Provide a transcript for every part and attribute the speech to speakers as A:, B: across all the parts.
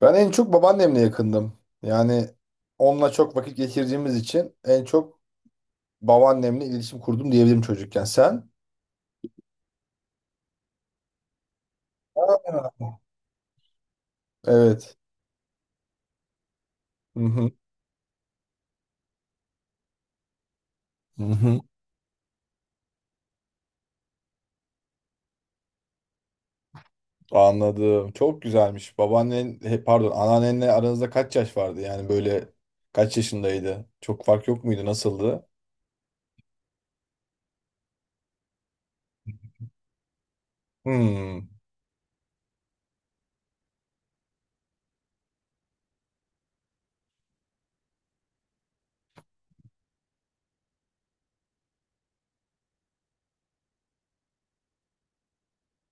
A: Ben en çok babaannemle yakındım. Yani onunla çok vakit geçirdiğimiz için en çok babaannemle iletişim kurdum diyebilirim çocukken. Sen? Aa. Evet. Hı hı. Hı hı. Anladım. Çok güzelmiş. Babaannen, pardon, anneannenle aranızda kaç yaş vardı? Yani böyle kaç yaşındaydı? Çok fark yok muydu? Nasıldı? Hmm.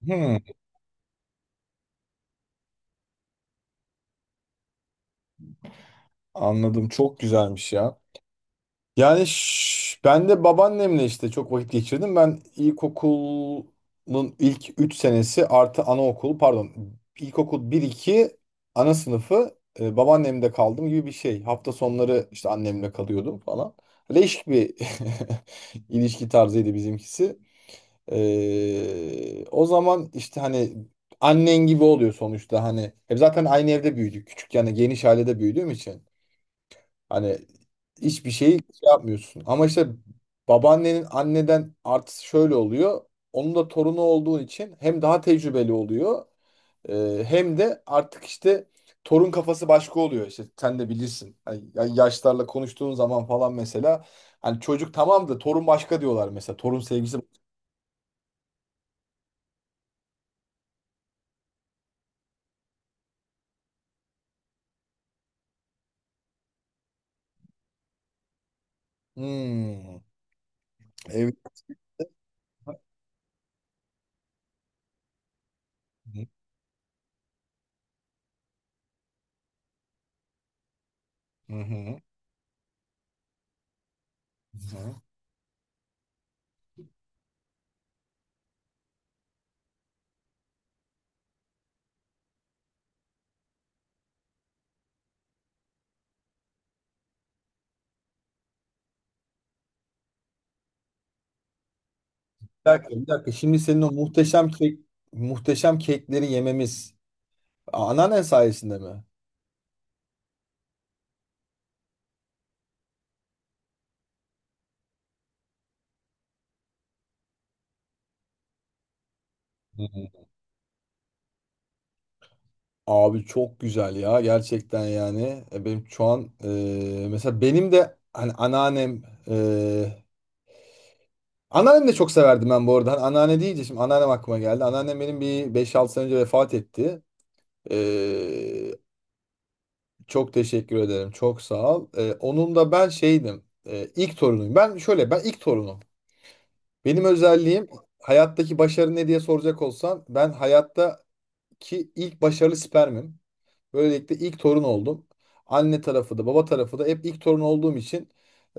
A: Hmm. Anladım. Çok güzelmiş ya. Yani ben de babaannemle işte çok vakit geçirdim. Ben ilkokulun ilk 3 senesi artı anaokulu, pardon, ilkokul bir iki ana sınıfı babaannemde kaldım gibi bir şey. Hafta sonları işte annemle kalıyordum falan. Leş bir ilişki tarzıydı bizimkisi. O zaman işte hani annen gibi oluyor sonuçta hani. Hep zaten aynı evde büyüdük. Küçük, yani geniş ailede büyüdüğüm için. Hani hiçbir şeyi şey yapmıyorsun. Ama işte babaannenin anneden artısı şöyle oluyor. Onun da torunu olduğun için hem daha tecrübeli oluyor, hem de artık işte torun kafası başka oluyor. İşte sen de bilirsin. Hani yaşlarla konuştuğun zaman falan mesela, hani çocuk tamam da torun başka diyorlar mesela. Torun sevgisi. Hmm, evet. Hı hı. Hı hı. Bir dakika, bir dakika. Şimdi senin o muhteşem kekleri yememiz anneannen sayesinde mi? Hı. Hı. Abi çok güzel ya gerçekten yani. Benim şu an, mesela benim de hani e, anneannem de çok severdim ben bu arada. Hani anneanne deyince şimdi anneannem aklıma geldi. Anneannem benim bir 5-6 sene önce vefat etti. E, Çok teşekkür ederim, çok sağ ol. Onun da ben şeydim, ilk torunuyum. Ben şöyle, ben ilk torunum, benim özelliğim. Hayattaki başarı ne diye soracak olsan, ben hayattaki ilk başarılı spermim. Böylelikle ilk torun oldum. Anne tarafı da baba tarafı da hep ilk torun olduğum için,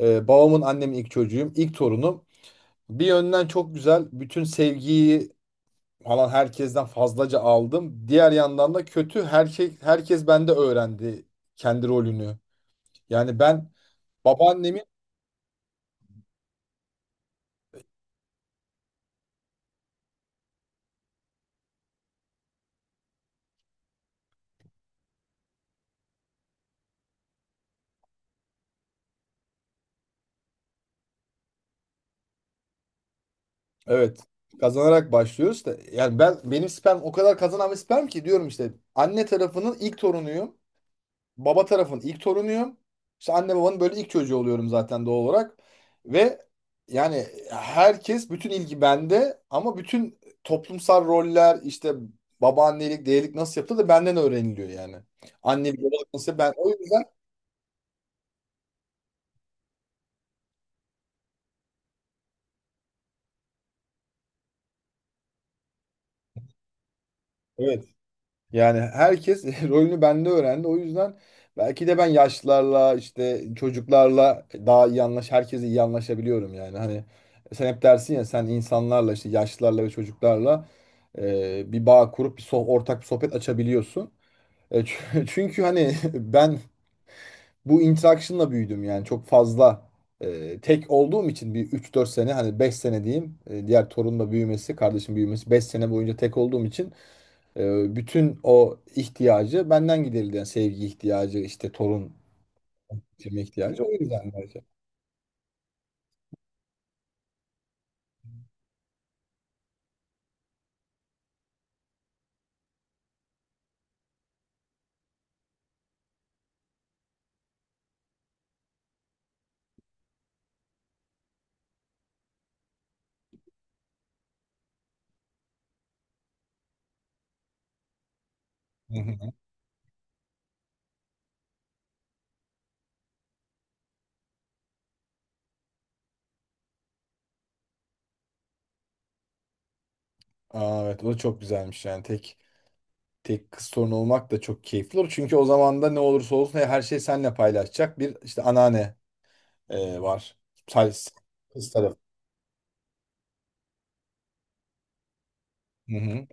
A: babamın annemin ilk çocuğuyum, ilk torunum. Bir yönden çok güzel, bütün sevgiyi falan herkesten fazlaca aldım. Diğer yandan da kötü, her şey herkes bende öğrendi kendi rolünü. Yani ben babaannemin. Evet. Kazanarak başlıyoruz da, yani ben, benim sperm o kadar kazanan bir sperm ki diyorum, işte anne tarafının ilk torunuyum, baba tarafın ilk torunuyum. İşte anne babanın böyle ilk çocuğu oluyorum zaten doğal olarak. Ve yani herkes, bütün ilgi bende, ama bütün toplumsal roller işte babaannelik, dedelik nasıl yapılır da benden öğreniliyor yani. Annelik, babalık nasıl, ben o yüzden. Evet. Yani herkes rolünü bende öğrendi. O yüzden belki de ben yaşlılarla, işte çocuklarla daha iyi herkese iyi anlaşabiliyorum yani. Hani sen hep dersin ya, sen insanlarla, işte yaşlılarla ve çocuklarla bir bağ kurup bir ortak bir sohbet açabiliyorsun. Çünkü hani ben bu interaction'la büyüdüm yani. Çok fazla, tek olduğum için bir üç dört sene, hani 5 sene diyeyim, diğer torunla büyümesi, kardeşim büyümesi, 5 sene boyunca tek olduğum için bütün o ihtiyacı benden giderildi. Yani sevgi ihtiyacı, işte torun sevme ihtiyacı, o yüzden bence. Hı hı. Aa, evet, o çok güzelmiş yani. Tek kız torun olmak da çok keyifli olur. Çünkü o zaman da ne olursa olsun her şeyi seninle paylaşacak bir işte anneanne var. Sadece kız tarafı. Hı hı.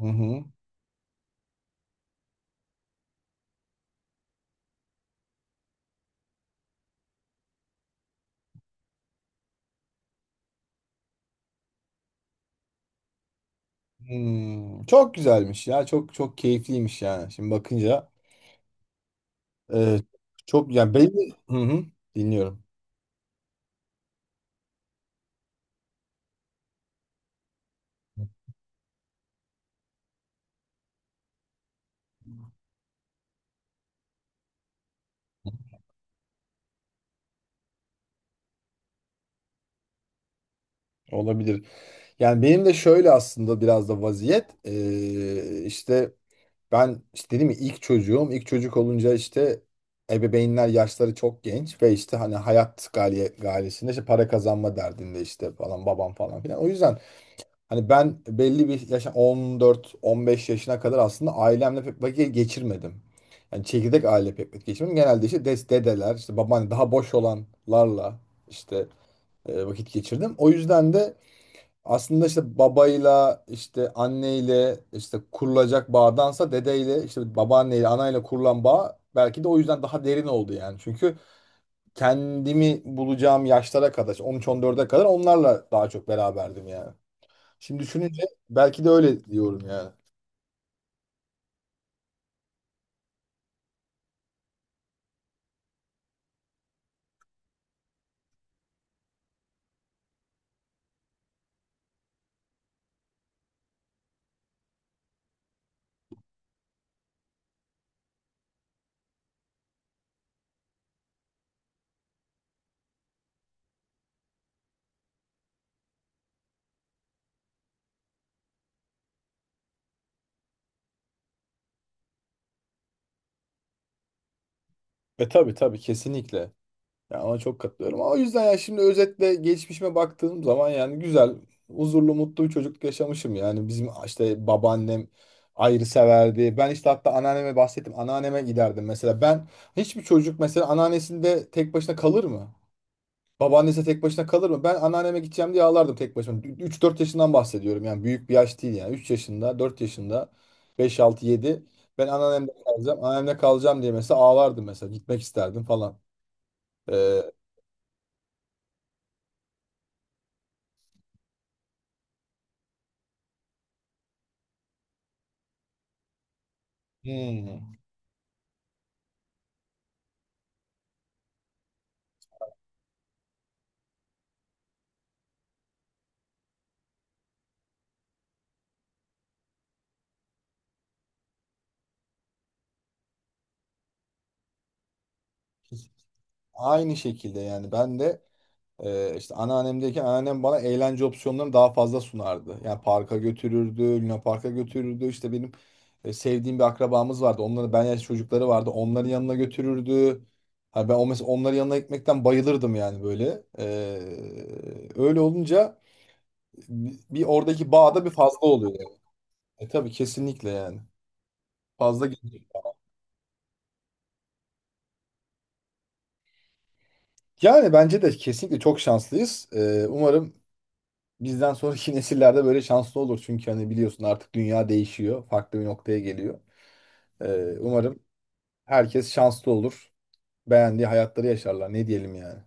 A: Hı hı. Hmm. Çok güzelmiş ya. Çok çok keyifliymiş yani. Şimdi bakınca e, çok yani belli. Hı hı. Dinliyorum. Olabilir. Yani benim de şöyle aslında, biraz da vaziyet işte ben işte dedim ya, ilk çocuk olunca işte ebeveynler yaşları çok genç, ve işte hani hayat gayesinde, işte para kazanma derdinde, işte falan, babam falan filan. O yüzden hani ben belli bir yaşa, 14-15 yaşına kadar aslında ailemle pek vakit geçirmedim. Yani çekirdek aile pek vakit geçirmedim. Genelde işte dedeler, işte babaanne, daha boş olanlarla işte vakit geçirdim. O yüzden de aslında işte babayla, işte anneyle işte kurulacak bağdansa, dedeyle işte babaanneyle, anayla kurulan bağ belki de o yüzden daha derin oldu yani. Çünkü kendimi bulacağım yaşlara kadar, 13-14'e kadar onlarla daha çok beraberdim yani. Şimdi düşününce belki de öyle diyorum yani. Tabii, tabii, kesinlikle. Ya ona çok katılıyorum. Ama o yüzden ya, şimdi özetle geçmişime baktığım zaman, yani güzel, huzurlu, mutlu bir çocukluk yaşamışım. Yani bizim işte babaannem ayrı severdi. Ben işte hatta anneanneme bahsettim. Anneanneme giderdim mesela. Ben, hiçbir çocuk mesela anneannesinde tek başına kalır mı? Babaannesi tek başına kalır mı? Ben anneanneme gideceğim diye ağlardım tek başıma. 3-4 yaşından bahsediyorum yani, büyük bir yaş değil yani. Üç yaşında, 4 yaşında, beş altı yedi. Ben anneannemde kalacağım, anneannemde kalacağım diye mesela ağlardım mesela. Gitmek isterdim falan. Ee, Hmm. Aynı şekilde yani. Ben de işte anneannemdeki anneannem bana eğlence opsiyonlarını daha fazla sunardı. Yani parka götürürdü, Luna Park'a götürürdü. İşte benim sevdiğim bir akrabamız vardı. Onların ben yaş çocukları vardı. Onların yanına götürürdü. Ha, ben o mesela onların yanına gitmekten bayılırdım yani, böyle. Öyle olunca bir oradaki bağ da bir fazla oluyor yani. Tabii, kesinlikle yani. Fazla geliyor. Yani bence de kesinlikle çok şanslıyız. Umarım bizden sonraki nesillerde böyle şanslı olur. Çünkü hani biliyorsun, artık dünya değişiyor. Farklı bir noktaya geliyor. Umarım herkes şanslı olur. Beğendiği hayatları yaşarlar. Ne diyelim yani.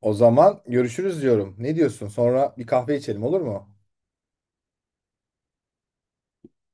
A: O zaman görüşürüz diyorum. Ne diyorsun? Sonra bir kahve içelim, olur mu?